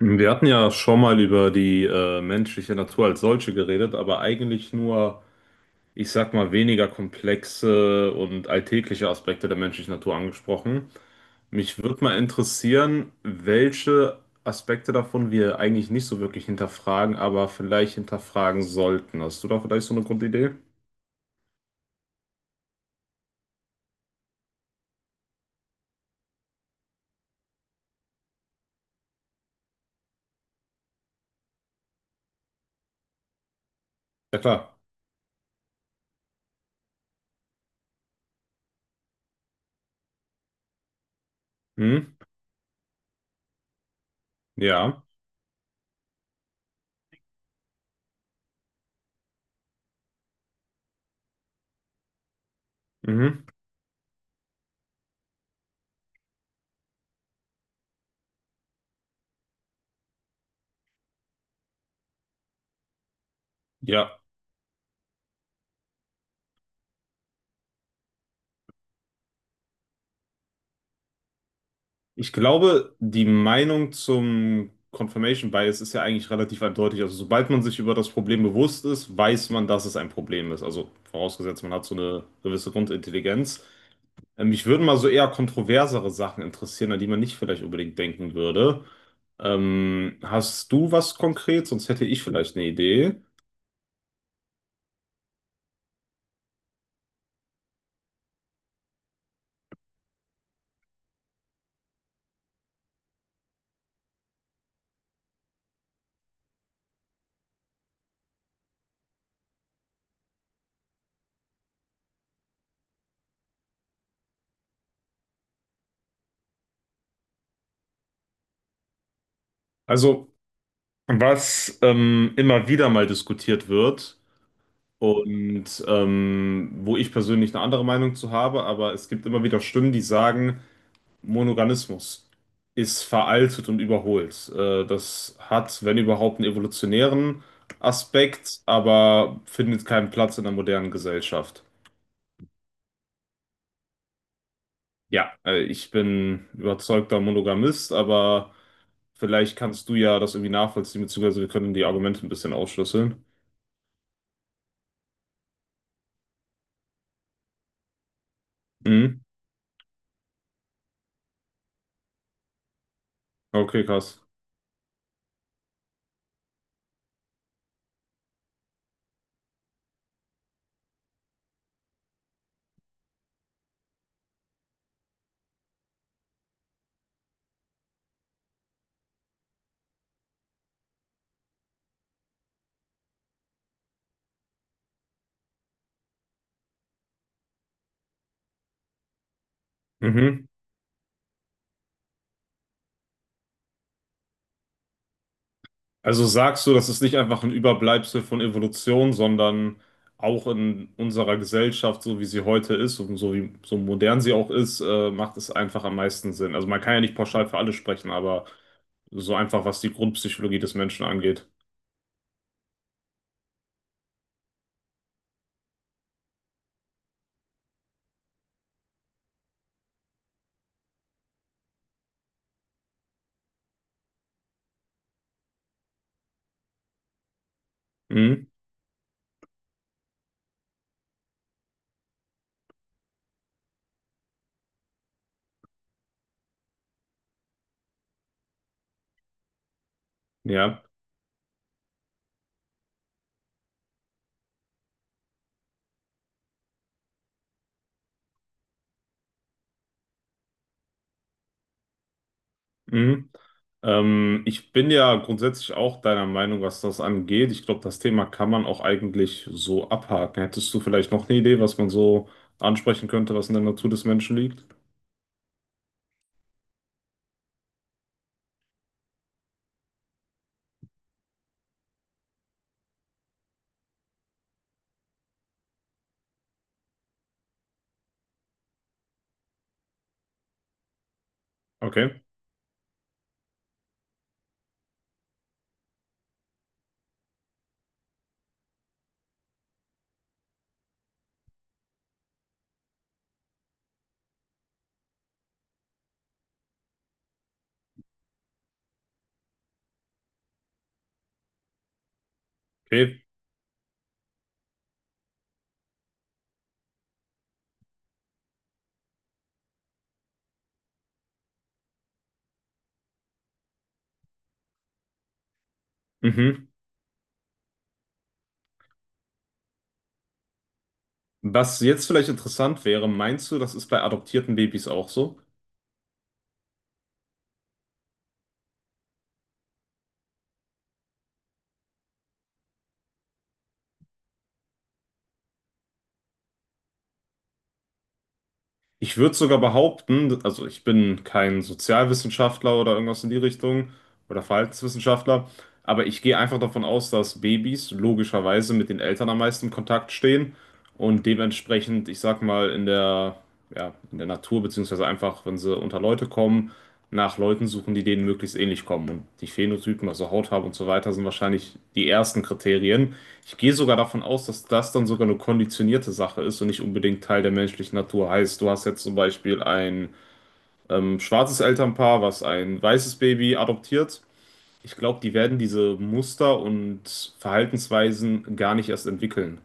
Wir hatten ja schon mal über die menschliche Natur als solche geredet, aber eigentlich nur, ich sag mal, weniger komplexe und alltägliche Aspekte der menschlichen Natur angesprochen. Mich würde mal interessieren, welche Aspekte davon wir eigentlich nicht so wirklich hinterfragen, aber vielleicht hinterfragen sollten. Hast du da vielleicht so eine Grundidee? Ja, klar. Hm? Ja. Mhm. Ja. Ich glaube, die Meinung zum Confirmation Bias ist ja eigentlich relativ eindeutig. Also, sobald man sich über das Problem bewusst ist, weiß man, dass es ein Problem ist. Also, vorausgesetzt, man hat so eine gewisse Grundintelligenz. Mich würden mal so eher kontroversere Sachen interessieren, an die man nicht vielleicht unbedingt denken würde. Hast du was konkret? Sonst hätte ich vielleicht eine Idee. Also, was immer wieder mal diskutiert wird. Und wo ich persönlich eine andere Meinung zu habe, aber es gibt immer wieder Stimmen, die sagen, Monogamismus ist veraltet und überholt. Das hat, wenn überhaupt, einen evolutionären Aspekt, aber findet keinen Platz in der modernen Gesellschaft. Ja, ich bin überzeugter Monogamist, aber vielleicht kannst du ja das irgendwie nachvollziehen, beziehungsweise wir können die Argumente ein bisschen aufschlüsseln. Mhm. Okay, krass. Mhm. Also sagst du, das ist nicht einfach ein Überbleibsel von Evolution, sondern auch in unserer Gesellschaft, so wie sie heute ist und so wie so modern sie auch ist, macht es einfach am meisten Sinn. Also man kann ja nicht pauschal für alle sprechen, aber so einfach, was die Grundpsychologie des Menschen angeht. Mhm. Ja. Mhm. Ich bin ja grundsätzlich auch deiner Meinung, was das angeht. Ich glaube, das Thema kann man auch eigentlich so abhaken. Hättest du vielleicht noch eine Idee, was man so ansprechen könnte, was in der Natur des Menschen liegt? Okay. Okay, Mhm. Was jetzt vielleicht interessant wäre, meinst du, das ist bei adoptierten Babys auch so? Ich würde sogar behaupten, also ich bin kein Sozialwissenschaftler oder irgendwas in die Richtung oder Verhaltenswissenschaftler, aber ich gehe einfach davon aus, dass Babys logischerweise mit den Eltern am meisten in Kontakt stehen und dementsprechend, ich sag mal, in der, ja, in der Natur, beziehungsweise einfach, wenn sie unter Leute kommen, nach Leuten suchen, die denen möglichst ähnlich kommen. Und die Phänotypen, also Hautfarbe und so weiter, sind wahrscheinlich die ersten Kriterien. Ich gehe sogar davon aus, dass das dann sogar eine konditionierte Sache ist und nicht unbedingt Teil der menschlichen Natur. Heißt, du hast jetzt zum Beispiel ein schwarzes Elternpaar, was ein weißes Baby adoptiert. Ich glaube, die werden diese Muster und Verhaltensweisen gar nicht erst entwickeln.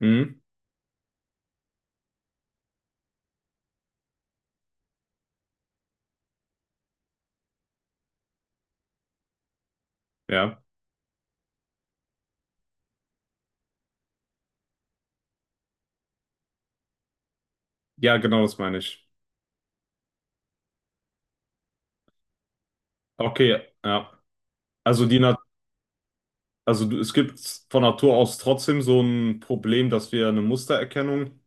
Hm? Ja. Ja, genau das meine ich. Okay, ja. Also die Na also du, es gibt von Natur aus trotzdem so ein Problem, dass wir eine Mustererkennung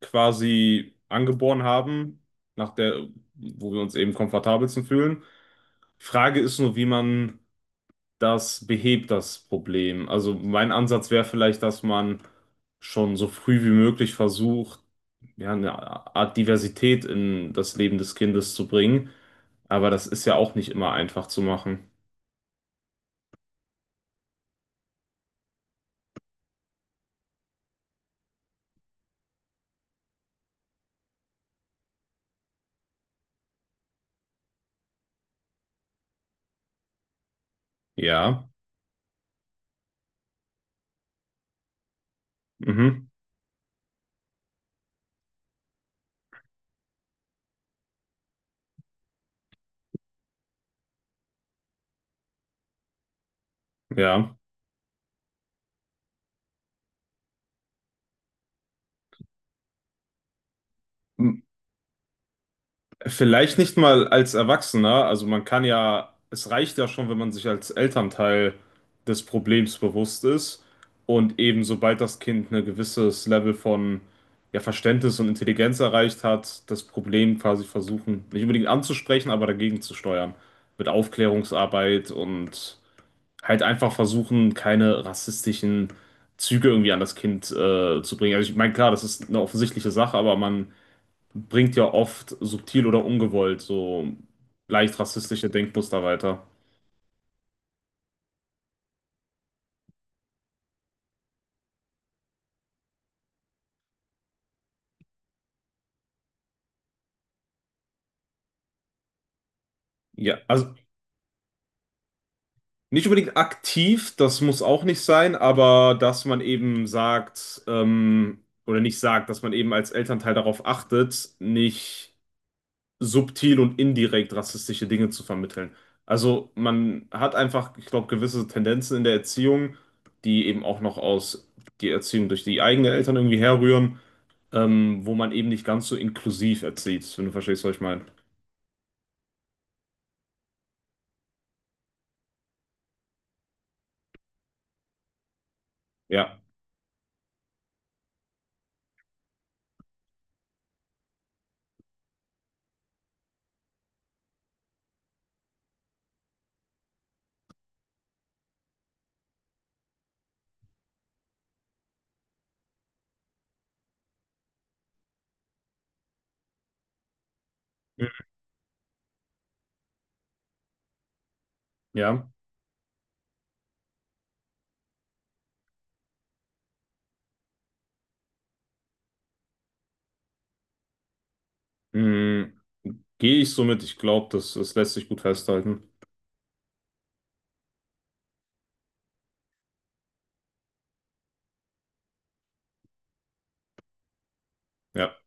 quasi angeboren haben, nach der, wo wir uns eben komfortabelsten fühlen. Frage ist nur, wie man das behebt, das Problem. Also mein Ansatz wäre vielleicht, dass man schon so früh wie möglich versucht, ja, eine Art Diversität in das Leben des Kindes zu bringen. Aber das ist ja auch nicht immer einfach zu machen. Ja. Mhm. Ja. Vielleicht nicht mal als Erwachsener, also man kann ja, es reicht ja schon, wenn man sich als Elternteil des Problems bewusst ist und eben sobald das Kind ein gewisses Level von ja, Verständnis und Intelligenz erreicht hat, das Problem quasi versuchen, nicht unbedingt anzusprechen, aber dagegen zu steuern. Mit Aufklärungsarbeit und halt einfach versuchen, keine rassistischen Züge irgendwie an das Kind zu bringen. Also ich meine, klar, das ist eine offensichtliche Sache, aber man bringt ja oft subtil oder ungewollt so leicht rassistische Denkmuster weiter. Ja, also nicht unbedingt aktiv, das muss auch nicht sein, aber dass man eben sagt, oder nicht sagt, dass man eben als Elternteil darauf achtet, nicht subtil und indirekt rassistische Dinge zu vermitteln. Also man hat einfach, ich glaube, gewisse Tendenzen in der Erziehung, die eben auch noch aus die Erziehung durch die eigenen Eltern irgendwie herrühren wo man eben nicht ganz so inklusiv erzieht, wenn du verstehst, was ich meine. Ja. Ja. Mhm. Gehe ich so mit. Ich glaube, das, das lässt sich gut festhalten. Ja.